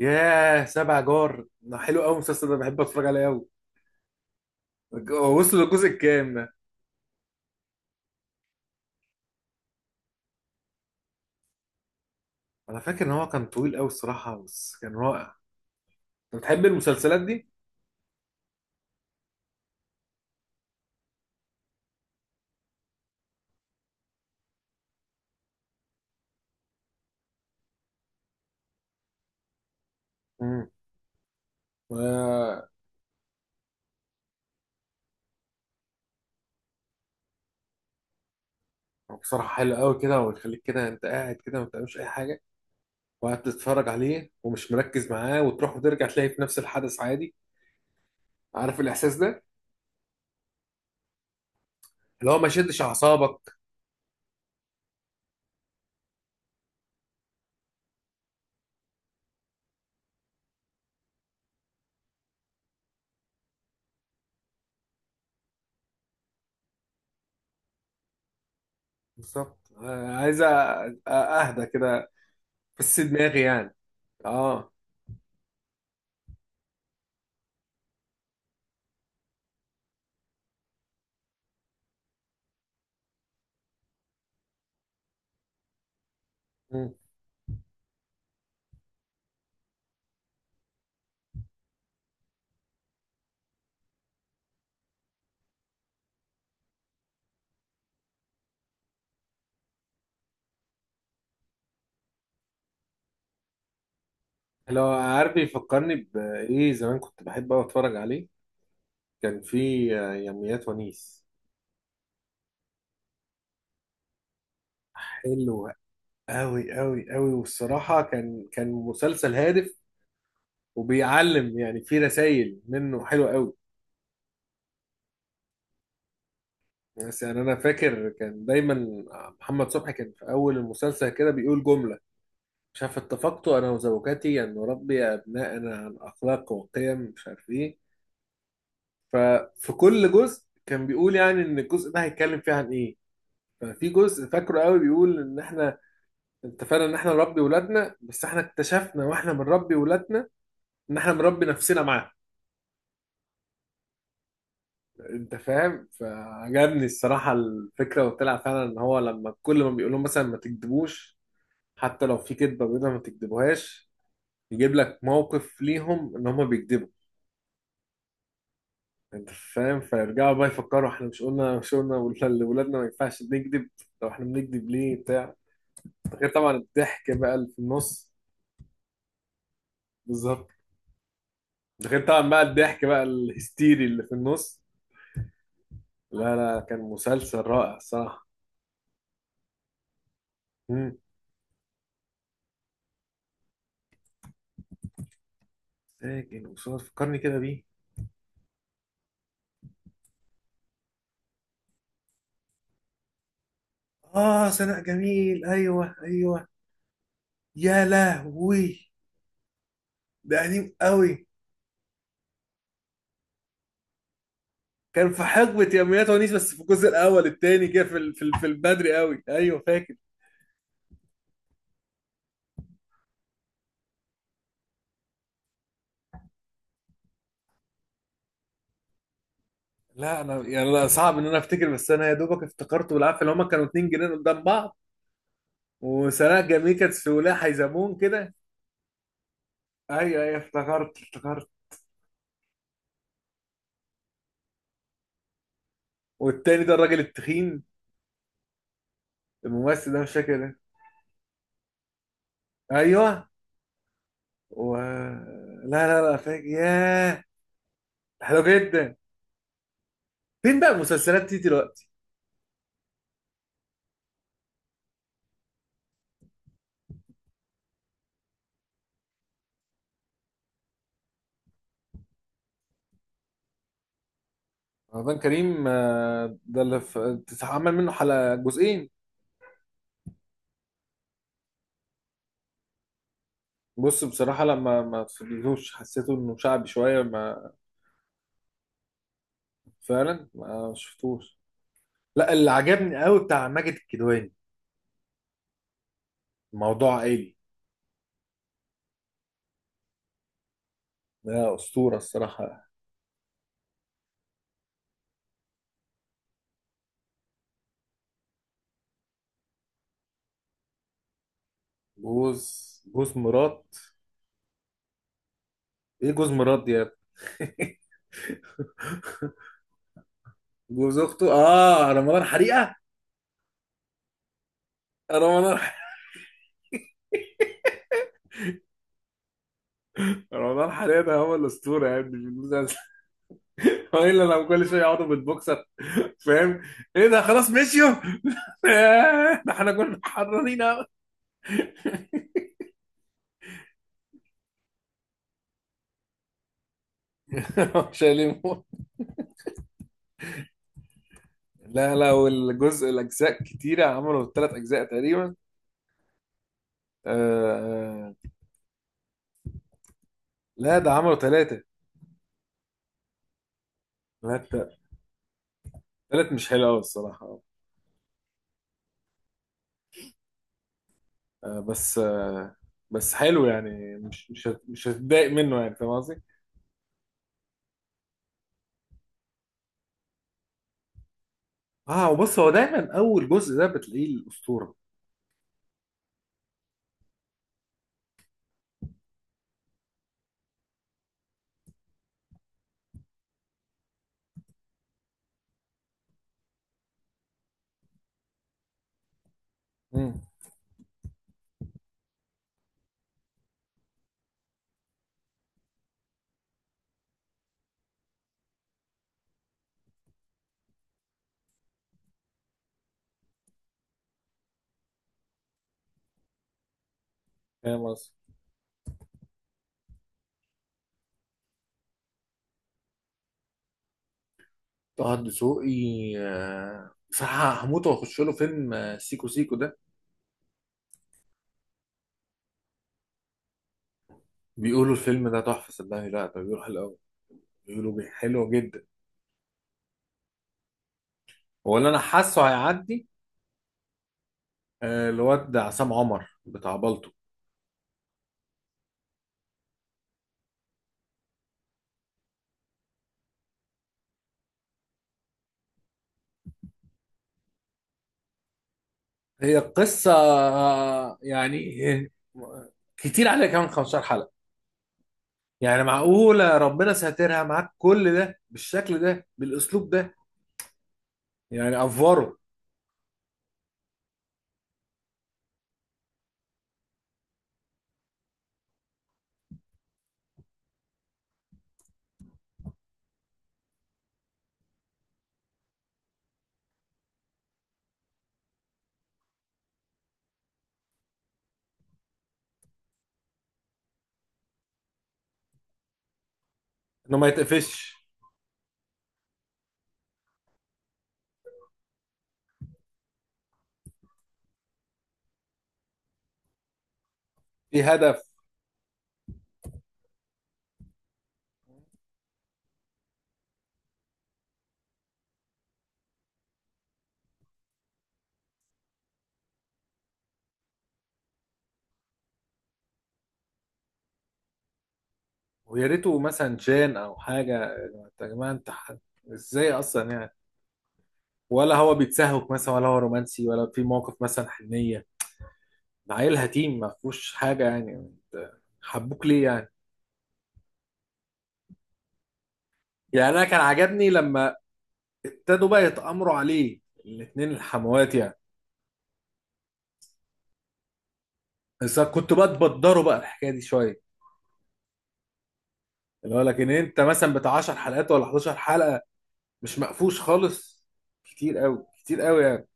ياه، سبع جار ده حلو قوي. المسلسل ده بحب اتفرج عليه قوي. هو وصل للجزء الكام ده؟ انا فاكر ان هو كان طويل قوي الصراحه، بس كان رائع. انت بتحب المسلسلات دي؟ امم. بصراحه حلو قوي كده، ويخليك كده انت قاعد كده ما بتعملش اي حاجه، وقاعد تتفرج عليه ومش مركز معاه وتروح وترجع تلاقي في نفس الحدث عادي. عارف الاحساس ده؟ اللي هو ما شدش اعصابك. بالظبط. عايز اهدى كده، بس دماغي يعني. اه. لو عارف بيفكرني بإيه؟ زمان كنت بحب أوي أتفرج عليه. كان في يوميات ونيس. حلو أوي أوي أوي، والصراحة كان مسلسل هادف، وبيعلم يعني، في رسائل منه حلوة أوي. بس يعني أنا فاكر كان دايما محمد صبحي كان في أول المسلسل كده بيقول جملة، مش عارف، اتفقت أنا وزوجتي أن نربي أبناءنا عن أخلاق وقيم مش عارف إيه. ففي كل جزء كان بيقول يعني إن الجزء ده هيتكلم فيه عن إيه. ففي جزء فاكره قوي بيقول ان احنا اتفقنا ان احنا نربي ولادنا، بس احنا اكتشفنا واحنا بنربي ولادنا ان احنا بنربي نفسنا معاهم. انت فاهم؟ فعجبني الصراحه الفكره، وطلع فعلا ان هو لما كل ما بيقول لهم مثلا ما تكذبوش، حتى لو في كذبه بيضه ما تكذبوهاش، يجيب لك موقف ليهم ان هم بيكذبوا. انت فاهم؟ فيرجعوا بقى يفكروا، احنا مش قلنا لولادنا ما ينفعش نكذب؟ لو احنا بنكذب ليه بتاع. غير طبعا الضحك بقى اللي في النص. بالظبط. ده غير طبعا بقى الضحك بقى الهستيري اللي في النص. لا، كان مسلسل رائع الصراحة. مم. ساكن وصوت، فكرني كده بيه. اه، سناء جميل، ايوه ايوه. يا لهوي، ده قديم قوي. كان في حقبة يوميات ونيس، بس في الجزء الاول التاني كده، في البدري قوي، ايوه فاكر. لا انا يعني لا، صعب ان انا افتكر، بس انا يا دوبك افتكرته بالعافيه، اللي هما كانوا اتنين جنان قدام بعض. وسناء جميل كانت في ولايه حيزمون كده. ايوه ايوه، افتكرت افتكرت. والتاني ده الراجل التخين، الممثل ده مش فاكر إيه. ايوه و... لا لا فاكر، ياه حلو جدا. فين بقى المسلسلات دي دلوقتي؟ رمضان كريم، ده اللي اتعمل منه حلقة جزئين. بص بصراحة لما ما فضلتوش حسيته انه شعبي شوية ما، فعلا ما شفتوش. لا، اللي عجبني قوي بتاع ماجد الكدواني، موضوع عائلي، ده أسطورة الصراحة. جوز مرات. ايه جوز مرات دي يا ابني؟ جوز اخته، اه، رمضان حريقة. رمضان. رمضان حاليا هو الاسطوره يعني في المسلسل. هو الا لو كل شويه يقعدوا بالبوكسر، فاهم؟ ايه ده، خلاص مشيوا؟ ده احنا كنا حرانين أوي. مش هيلموا. لا والجزء الاجزاء كتيره، عملوا ثلاث اجزاء تقريبا. آه. آه، لا ده عملوا ثلاثه، ثلاثه. ثلاث مش حلو قوي الصراحه. آه بس آه، بس حلو يعني، مش هتضايق منه، يعني فاهم قصدي؟ اه، وبص، هو دايما اول جزء ده بتلاقيه الاسطوره. امم. فاهم قصدي. طه دسوقي، صح، هموت واخش له فيلم سيكو سيكو ده. بيقولوا الفيلم ده تحفه، صدقني، لا ده بيروح الاول. حلو جدا. هو اللي انا حاسه هيعدي، الواد ده عصام عمر بتاع بالطو. هي القصه يعني. آه، كتير عليها كمان 15 حلقه، يعني معقوله ربنا ساترها معاك كل ده بالشكل ده بالاسلوب ده؟ يعني افوره. انه ما يتقفش. في هدف. ويا ريته مثلا جان او حاجه. يا جماعه انت ازاي اصلا يعني؟ ولا هو بيتسهوك مثلا، ولا هو رومانسي، ولا في موقف مثلا حنيه؟ ده عيل هتيم ما فيهوش حاجه، يعني انت حبوك ليه يعني؟ يعني انا كان عجبني لما ابتدوا بقى يتامروا عليه، الاتنين الحموات يعني. بس أنا كنت بقى تبدروا بقى الحكايه دي شويه، اللي هو لكن انت مثلا بتاع 10 حلقات ولا 11 حلقه، مش مقفوش خالص، كتير قوي، كتير قوي يعني.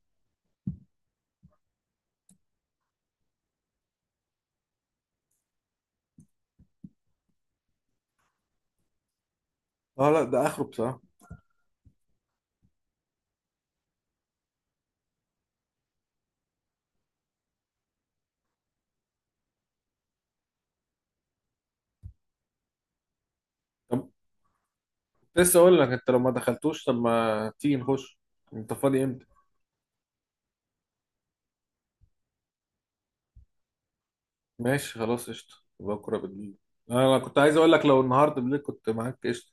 اه لا، ده اخره بصراحه. طب لسه اقول لك، انت لو ما دخلتوش، طب ما تيجي نخش. انت فاضي امتى؟ ماشي خلاص، قشطة، بكرة بالليل. أنا كنت عايز أقول لك لو النهاردة بالليل كنت معاك قشطة.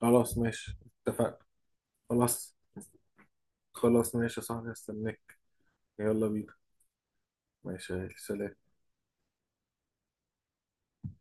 خلاص، ماشي، اتفقنا. خلاص، خلاص ماشي يا صاحبي، هستناك. يلا بينا، ماشي، سلام.